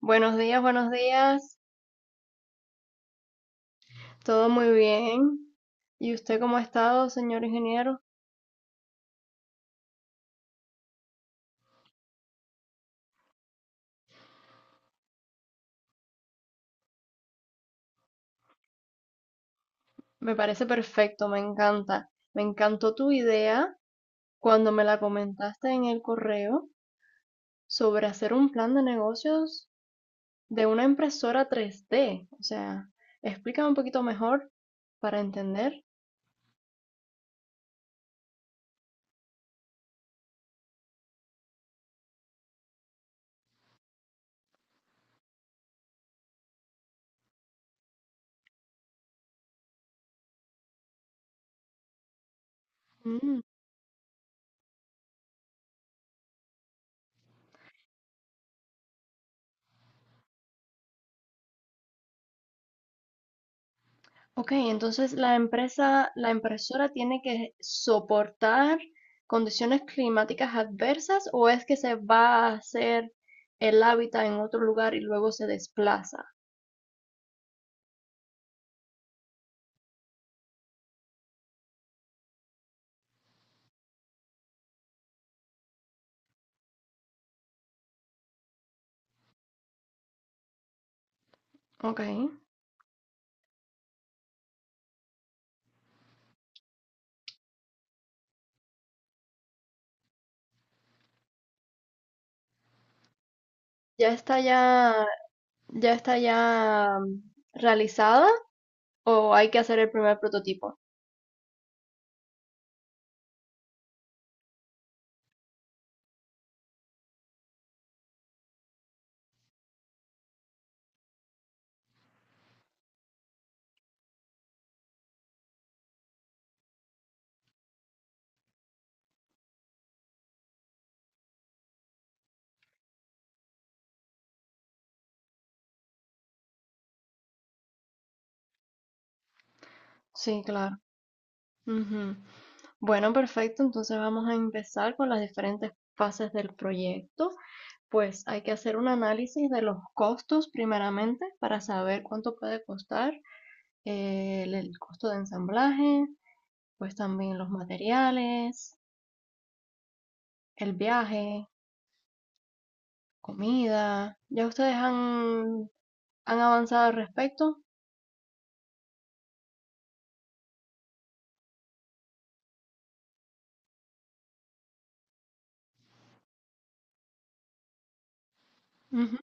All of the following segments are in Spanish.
Buenos días, buenos días. Todo muy bien. ¿Y usted cómo ha estado, señor ingeniero? Me parece perfecto, me encanta. Me encantó tu idea cuando me la comentaste en el correo sobre hacer un plan de negocios de una impresora 3D. O sea, explícame un poquito mejor para entender. Mm. Ok, entonces la empresa, la impresora tiene que soportar condiciones climáticas adversas o es que se va a hacer el hábitat en otro lugar y luego se desplaza. Ok, ya está ya, ya está ya, realizada o hay que hacer el primer prototipo. Sí, claro. Ujú. Bueno, perfecto. Entonces vamos a empezar con las diferentes fases del proyecto. Pues hay que hacer un análisis de los costos primeramente para saber cuánto puede costar el costo de ensamblaje, pues también los materiales, el viaje, comida. ¿Ya ustedes han, han avanzado al respecto? Ujú.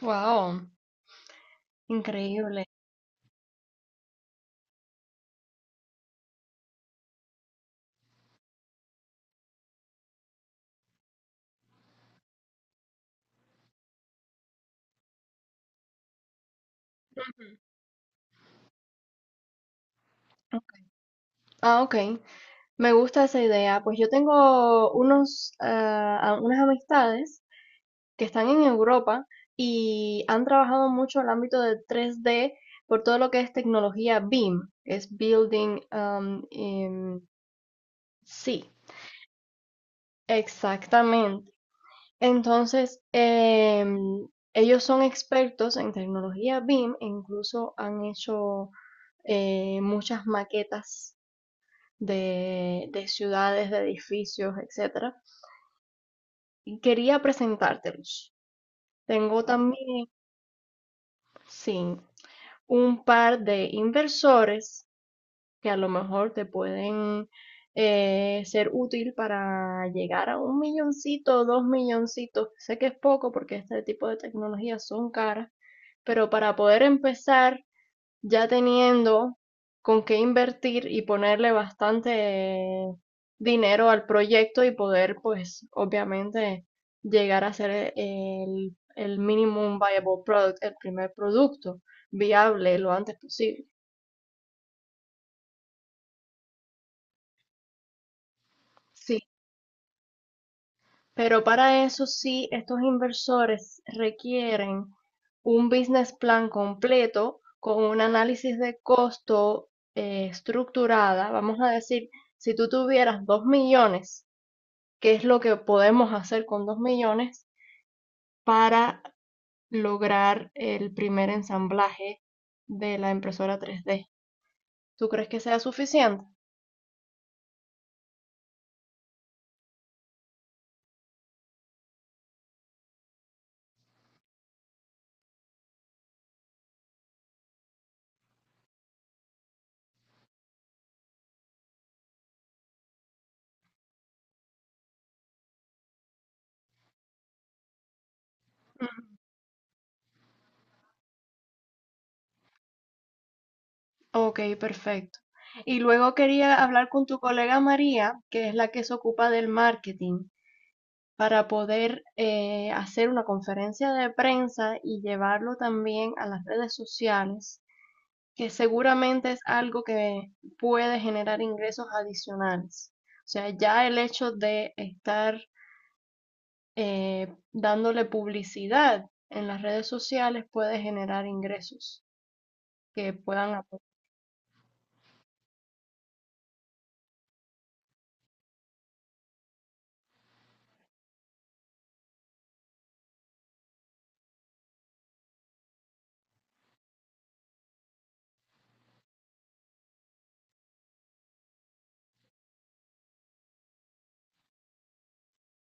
Wow, increíble. Ah, ok. Me gusta esa idea. Pues yo tengo unos, ah, unas amistades que están en Europa y han trabajado mucho el ámbito de 3D por todo lo que es tecnología BIM, que es Building, sí, exactamente. Entonces, ellos son expertos en tecnología BIM e incluso han hecho muchas maquetas de ciudades, de edificios, etcétera. Y quería presentártelos. Tengo también, sí, un par de inversores que a lo mejor te pueden ser útil para llegar a un milloncito, dos milloncitos. Sé que es poco porque este tipo de tecnologías son caras, pero para poder empezar ya teniendo con qué invertir y ponerle bastante dinero al proyecto y poder, pues, obviamente llegar a ser el minimum viable product, el primer producto viable lo antes posible. Sí, pero para eso sí, estos inversores requieren un business plan completo con un análisis de costo estructurada. Vamos a decir, si tú tuvieras 2 millones qué es lo que podemos hacer con 2 millones para lograr el primer ensamblaje de la impresora 3D. ¿Tú crees que sea suficiente? Ok, perfecto. Y luego quería hablar con tu colega María, que es la que se ocupa del marketing, para poder hacer una conferencia de prensa y llevarlo también a las redes sociales que seguramente es algo que puede generar ingresos adicionales. O sea, ya el hecho de estar dándole publicidad en las redes sociales puede generar ingresos que puedan aportar.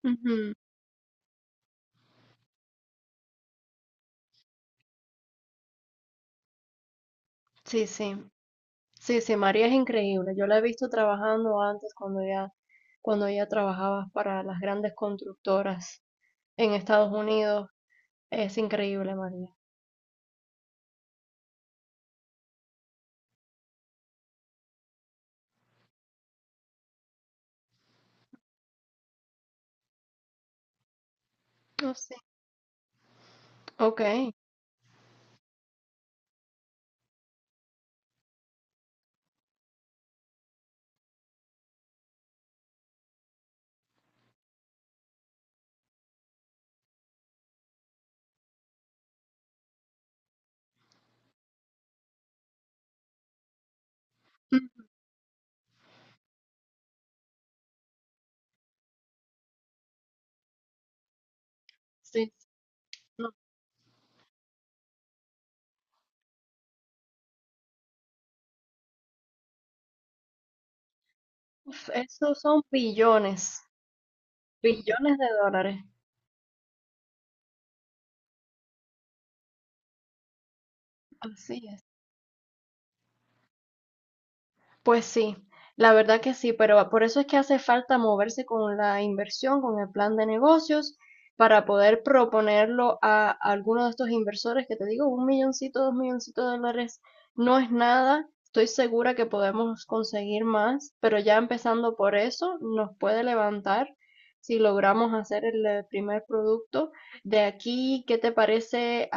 Ujú. Sí, sí, sí, sí, María es increíble. Yo la he visto trabajando antes cuando ella trabajaba para las grandes constructoras en Estados Unidos. Es increíble, María. Oh, sí. Ok. Ujú. Sí. Uf, esos son billones, billones de dólares. Así es. Pues sí, la verdad que sí, pero por eso es que hace falta moverse con la inversión, con el plan de negocios, para poder proponerlo a alguno de estos inversores que te digo, un milloncito, dos milloncitos de dólares no es nada. Estoy segura que podemos conseguir más, pero ya empezando por eso nos puede levantar si logramos hacer el primer producto. De aquí, ¿qué te parece?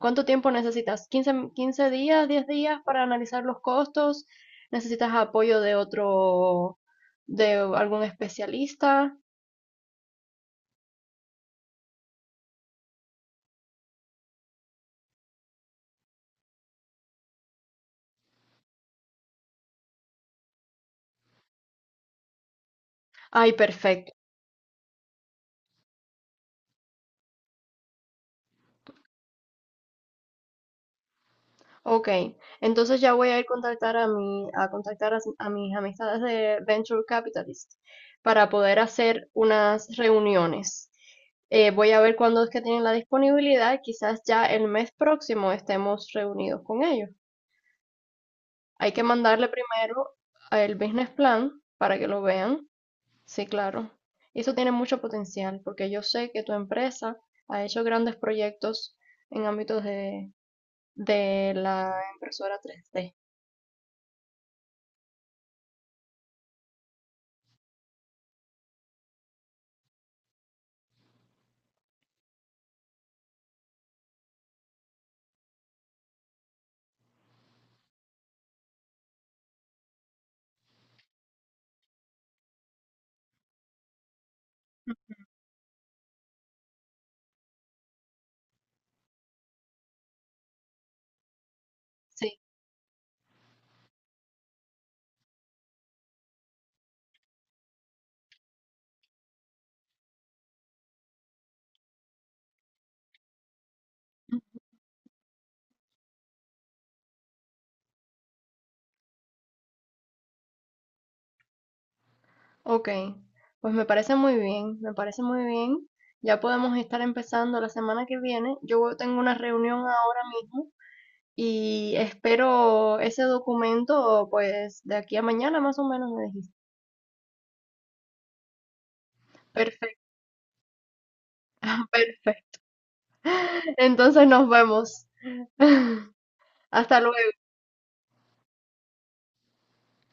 ¿Cuánto tiempo necesitas? ¿15, 15 días, 10 días para analizar los costos? ¿Necesitas apoyo de otro, de algún especialista? Ay, perfecto. Ok, entonces ya voy a ir contactar a mi, a contactar a mis amistades de Venture Capitalist para poder hacer unas reuniones. Voy a ver cuándo es que tienen la disponibilidad. Quizás ya el mes próximo estemos reunidos con ellos. Hay que mandarle primero el business plan para que lo vean. Sí, claro. Y eso tiene mucho potencial, porque yo sé que tu empresa ha hecho grandes proyectos en ámbitos de la impresora 3D. Sí, ok, pues me parece muy bien, me parece muy bien. Ya podemos estar empezando la semana que viene. Yo tengo una reunión ahora mismo y espero ese documento, pues, de aquí a mañana más o menos me dijiste. Perfecto, perfecto. Entonces nos vemos. Hasta luego.